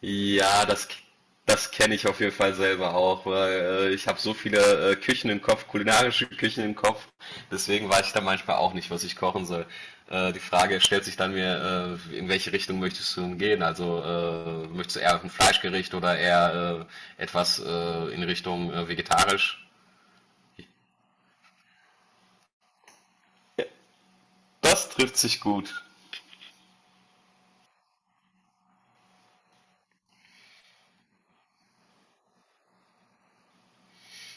Ja, das kenne ich auf jeden Fall selber auch, weil ich habe so viele Küchen im Kopf, kulinarische Küchen im Kopf, deswegen weiß ich da manchmal auch nicht, was ich kochen soll. Die Frage stellt sich dann mir, in welche Richtung möchtest du denn gehen? Also möchtest du eher ein Fleischgericht oder eher etwas in Richtung vegetarisch? Ja, das trifft sich gut.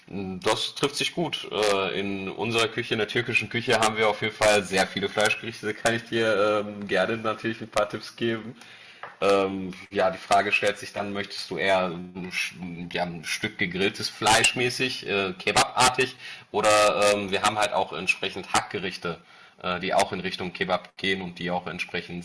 Das trifft sich gut. In unserer Küche, in der türkischen Küche, haben wir auf jeden Fall sehr viele Fleischgerichte. Da kann ich dir gerne natürlich ein paar Tipps geben. Ja, die Frage stellt sich dann, möchtest du eher ja, ein Stück gegrilltes Fleisch mäßig, kebabartig, oder wir haben halt auch entsprechend Hackgerichte, die auch in Richtung Kebab gehen und die auch entsprechend.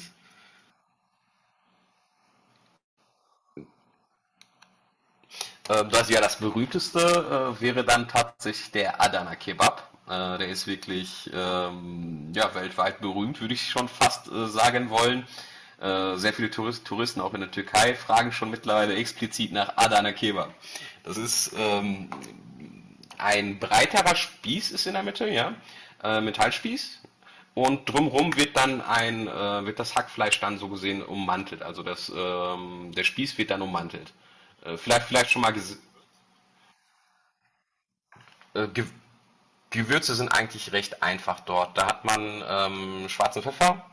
Das ja das berühmteste wäre dann tatsächlich der Adana Kebab. Der ist wirklich ja, weltweit berühmt, würde ich schon fast sagen wollen. Sehr viele Touristen, auch in der Türkei, fragen schon mittlerweile explizit nach Adana Kebab. Das ist ein breiterer Spieß ist in der Mitte, ja, Metallspieß. Und drumherum wird dann wird das Hackfleisch dann so gesehen ummantelt. Also der Spieß wird dann ummantelt. Vielleicht schon mal ges- Ge Gewürze sind eigentlich recht einfach dort. Da hat man schwarzen Pfeffer,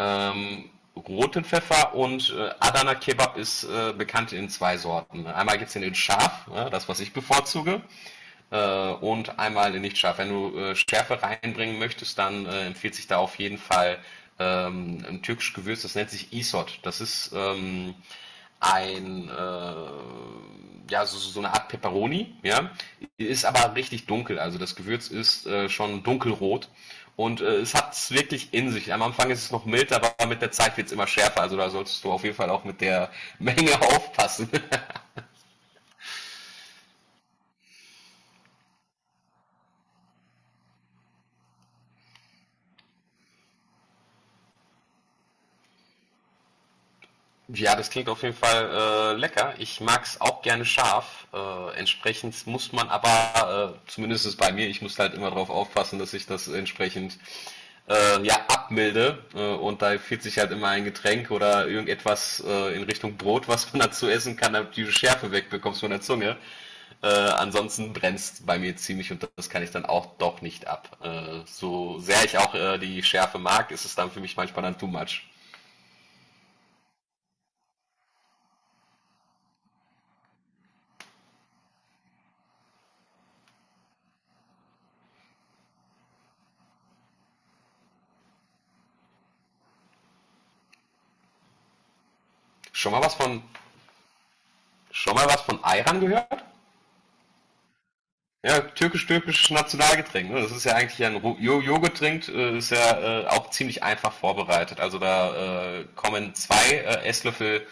roten Pfeffer und Adana Kebab ist bekannt in zwei Sorten. Einmal gibt's den in scharf, ne, das was ich bevorzuge, und einmal in nicht scharf. Wenn du Schärfe reinbringen möchtest, dann empfiehlt sich da auf jeden Fall ein türkisches Gewürz, das nennt sich Isot. Das ist ein ja, so eine Art Peperoni, ja. Ist aber richtig dunkel. Also das Gewürz ist schon dunkelrot. Und es hat es wirklich in sich. Am Anfang ist es noch mild, aber mit der Zeit wird es immer schärfer. Also da solltest du auf jeden Fall auch mit der Menge aufpassen. Ja, das klingt auf jeden Fall lecker. Ich mag es auch gerne scharf. Entsprechend muss man aber, zumindest bei mir, ich muss halt immer darauf aufpassen, dass ich das entsprechend ja, abmilde. Und da empfiehlt sich halt immer ein Getränk oder irgendetwas in Richtung Brot, was man dazu essen kann, damit du die Schärfe wegbekommst von der Zunge. Ansonsten brennst bei mir ziemlich und das kann ich dann auch doch nicht ab. So sehr ich auch die Schärfe mag, ist es dann für mich manchmal dann too much. Schon mal was von, schon mal was von Ayran gehört? Ja, türkisch-türkisches Nationalgetränk. Ne? Das ist ja eigentlich ein Joghurttrink, ist ja auch ziemlich einfach vorbereitet. Also da kommen zwei Esslöffel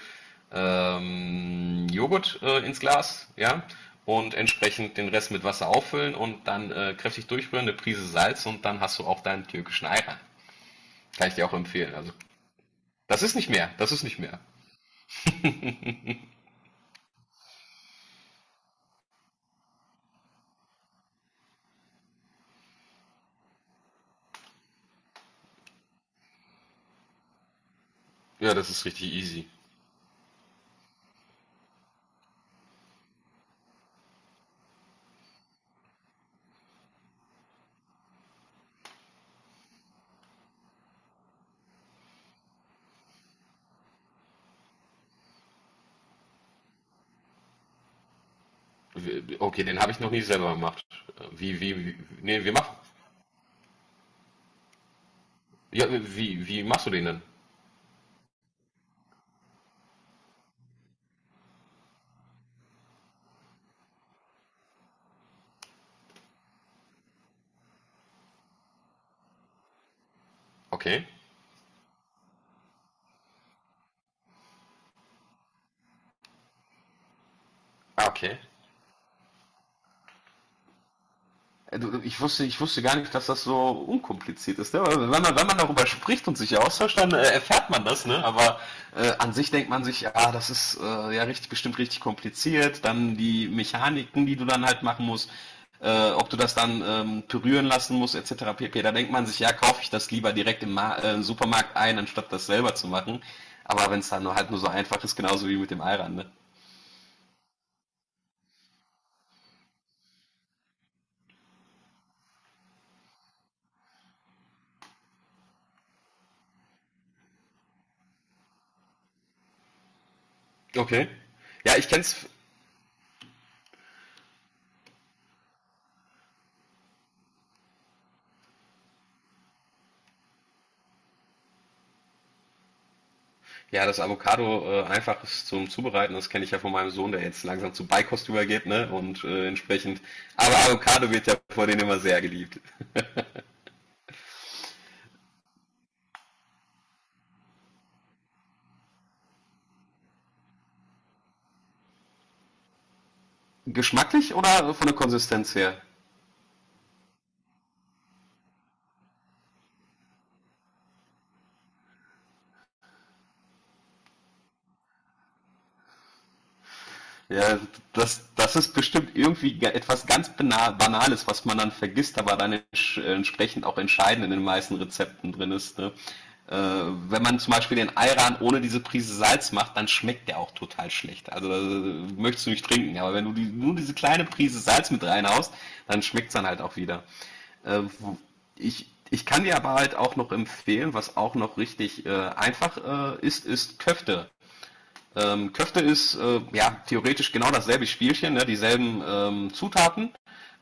Joghurt ins Glas, ja, und entsprechend den Rest mit Wasser auffüllen und dann kräftig durchrühren, eine Prise Salz und dann hast du auch deinen türkischen Ayran. Kann ich dir auch empfehlen. Also das ist nicht mehr, das ist nicht mehr. Ja, das ist richtig easy. Okay, den habe ich noch nie selber gemacht. Wie, wie, wie Nee, wir machen. Ja, wie machst du den denn? Okay. Ah, okay. Ich wusste gar nicht, dass das so unkompliziert ist. Ne? Wenn man darüber spricht und sich austauscht, dann erfährt man das. Ne? Aber an sich denkt man sich, ah, das ist ja richtig, bestimmt richtig kompliziert. Dann die Mechaniken, die du dann halt machen musst, ob du das dann pürieren lassen musst, etc. pp. Da denkt man sich, ja, kaufe ich das lieber direkt im Ma Supermarkt ein, anstatt das selber zu machen. Aber wenn es dann halt nur so einfach ist, genauso wie mit dem Eiran. Ne? Okay. Ja, ich kenn's. Ja, das Avocado einfach ist zum Zubereiten, das kenne ich ja von meinem Sohn, der jetzt langsam zu Beikost übergeht, ne? Und entsprechend. Aber Avocado wird ja vor denen immer sehr geliebt. Geschmacklich oder von der Konsistenz her? Ja, das ist bestimmt irgendwie etwas ganz Banales, was man dann vergisst, aber dann entsprechend auch entscheidend in den meisten Rezepten drin ist. Ne? Wenn man zum Beispiel den Ayran ohne diese Prise Salz macht, dann schmeckt der auch total schlecht. Also möchtest du nicht trinken, aber wenn du die, nur diese kleine Prise Salz mit reinhaust, dann schmeckt's dann halt auch wieder. Äh, wo- ich kann dir aber halt auch noch empfehlen, was auch noch richtig einfach ist Köfte. Köfte ist ja theoretisch genau dasselbe Spielchen, ne, dieselben Zutaten.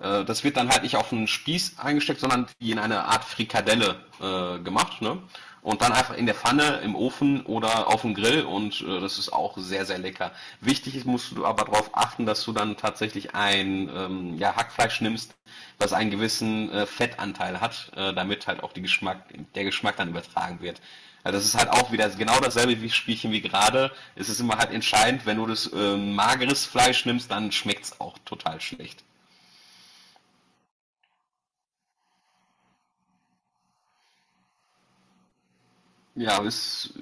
Das wird dann halt nicht auf einen Spieß eingesteckt, sondern wie in eine Art Frikadelle gemacht. Ne? Und dann einfach in der Pfanne, im Ofen oder auf dem Grill und das ist auch sehr, sehr lecker. Wichtig ist, musst du aber darauf achten, dass du dann tatsächlich ein ja, Hackfleisch nimmst, das einen gewissen Fettanteil hat, damit halt auch der Geschmack dann übertragen wird. Also das ist halt auch wieder genau dasselbe wie Spielchen wie gerade. Es ist immer halt entscheidend, wenn du das mageres Fleisch nimmst, dann schmeckt's auch total schlecht. Ja, ist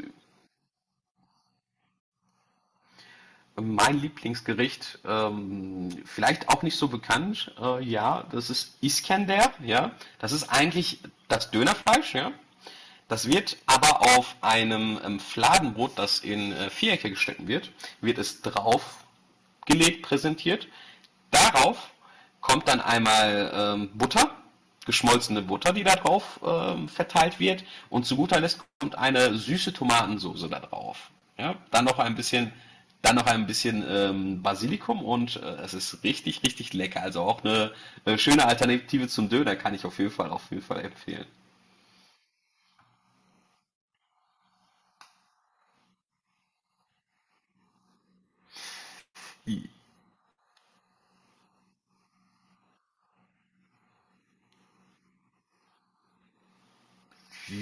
mein Lieblingsgericht. Vielleicht auch nicht so bekannt. Ja, das ist Iskender. Ja, das ist eigentlich das Dönerfleisch. Ja, das wird aber auf einem Fladenbrot, das in Vierecke geschnitten wird, wird es drauf gelegt, präsentiert. Darauf kommt dann einmal Butter, geschmolzene Butter, die da drauf verteilt wird. Und zu guter Letzt kommt eine süße Tomatensoße da drauf. Ja? Dann noch ein bisschen Basilikum und es ist richtig, richtig lecker. Also auch eine, schöne Alternative zum Döner kann ich auf jeden Fall empfehlen.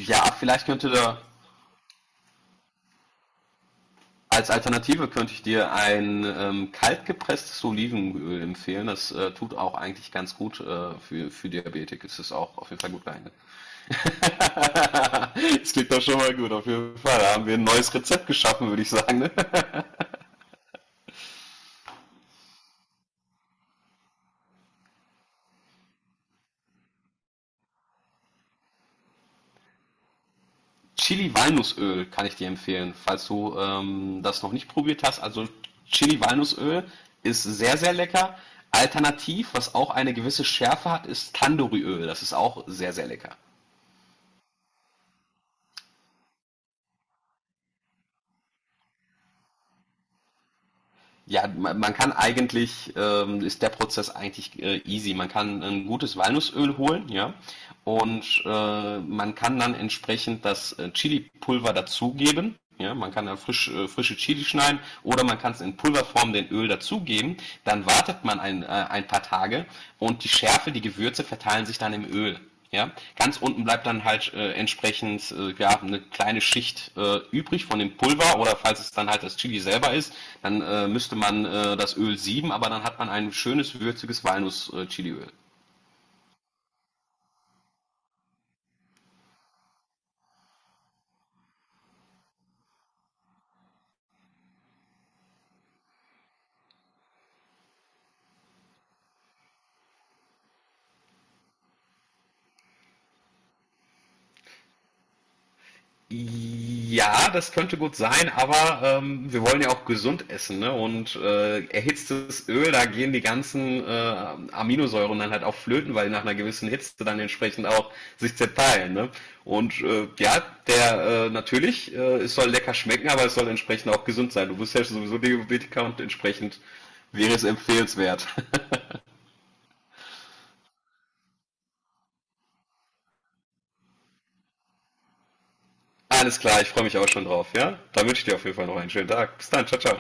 Ja, vielleicht könnte da als Alternative könnte ich dir ein kaltgepresstes Olivenöl empfehlen. Das tut auch eigentlich ganz gut für Diabetik. Es ist auch auf jeden Fall gut geeignet. Das klingt doch schon mal gut, auf jeden Fall. Da haben wir ein neues Rezept geschaffen, würde ich sagen. Ne? Chili-Walnussöl kann ich dir empfehlen, falls du das noch nicht probiert hast. Also Chili-Walnussöl ist sehr, sehr lecker. Alternativ, was auch eine gewisse Schärfe hat, ist Tandoori-Öl. Das ist auch sehr, sehr lecker. Ja, man kann eigentlich, ist der Prozess eigentlich easy. Man kann ein gutes Walnussöl holen, ja, und man kann dann entsprechend das Chili-Pulver dazugeben. Ja, man kann da frische Chili schneiden oder man kann es in Pulverform den Öl dazugeben. Dann wartet man ein paar Tage und die Schärfe, die Gewürze verteilen sich dann im Öl. Ja, ganz unten bleibt dann halt entsprechend ja, eine kleine Schicht übrig von dem Pulver oder falls es dann halt das Chili selber ist, dann müsste man das Öl sieben, aber dann hat man ein schönes würziges Walnuss-Chiliöl. Ja, das könnte gut sein, aber wir wollen ja auch gesund essen, ne? Und erhitztes Öl, da gehen die ganzen Aminosäuren dann halt auch flöten, weil die nach einer gewissen Hitze dann entsprechend auch sich zerteilen, ne? Und es soll lecker schmecken, aber es soll entsprechend auch gesund sein. Du bist ja sowieso Diabetiker und entsprechend wäre es empfehlenswert. Alles klar, ich freue mich auch schon drauf, ja? Dann wünsche ich dir auf jeden Fall noch einen schönen Tag. Bis dann, ciao, ciao.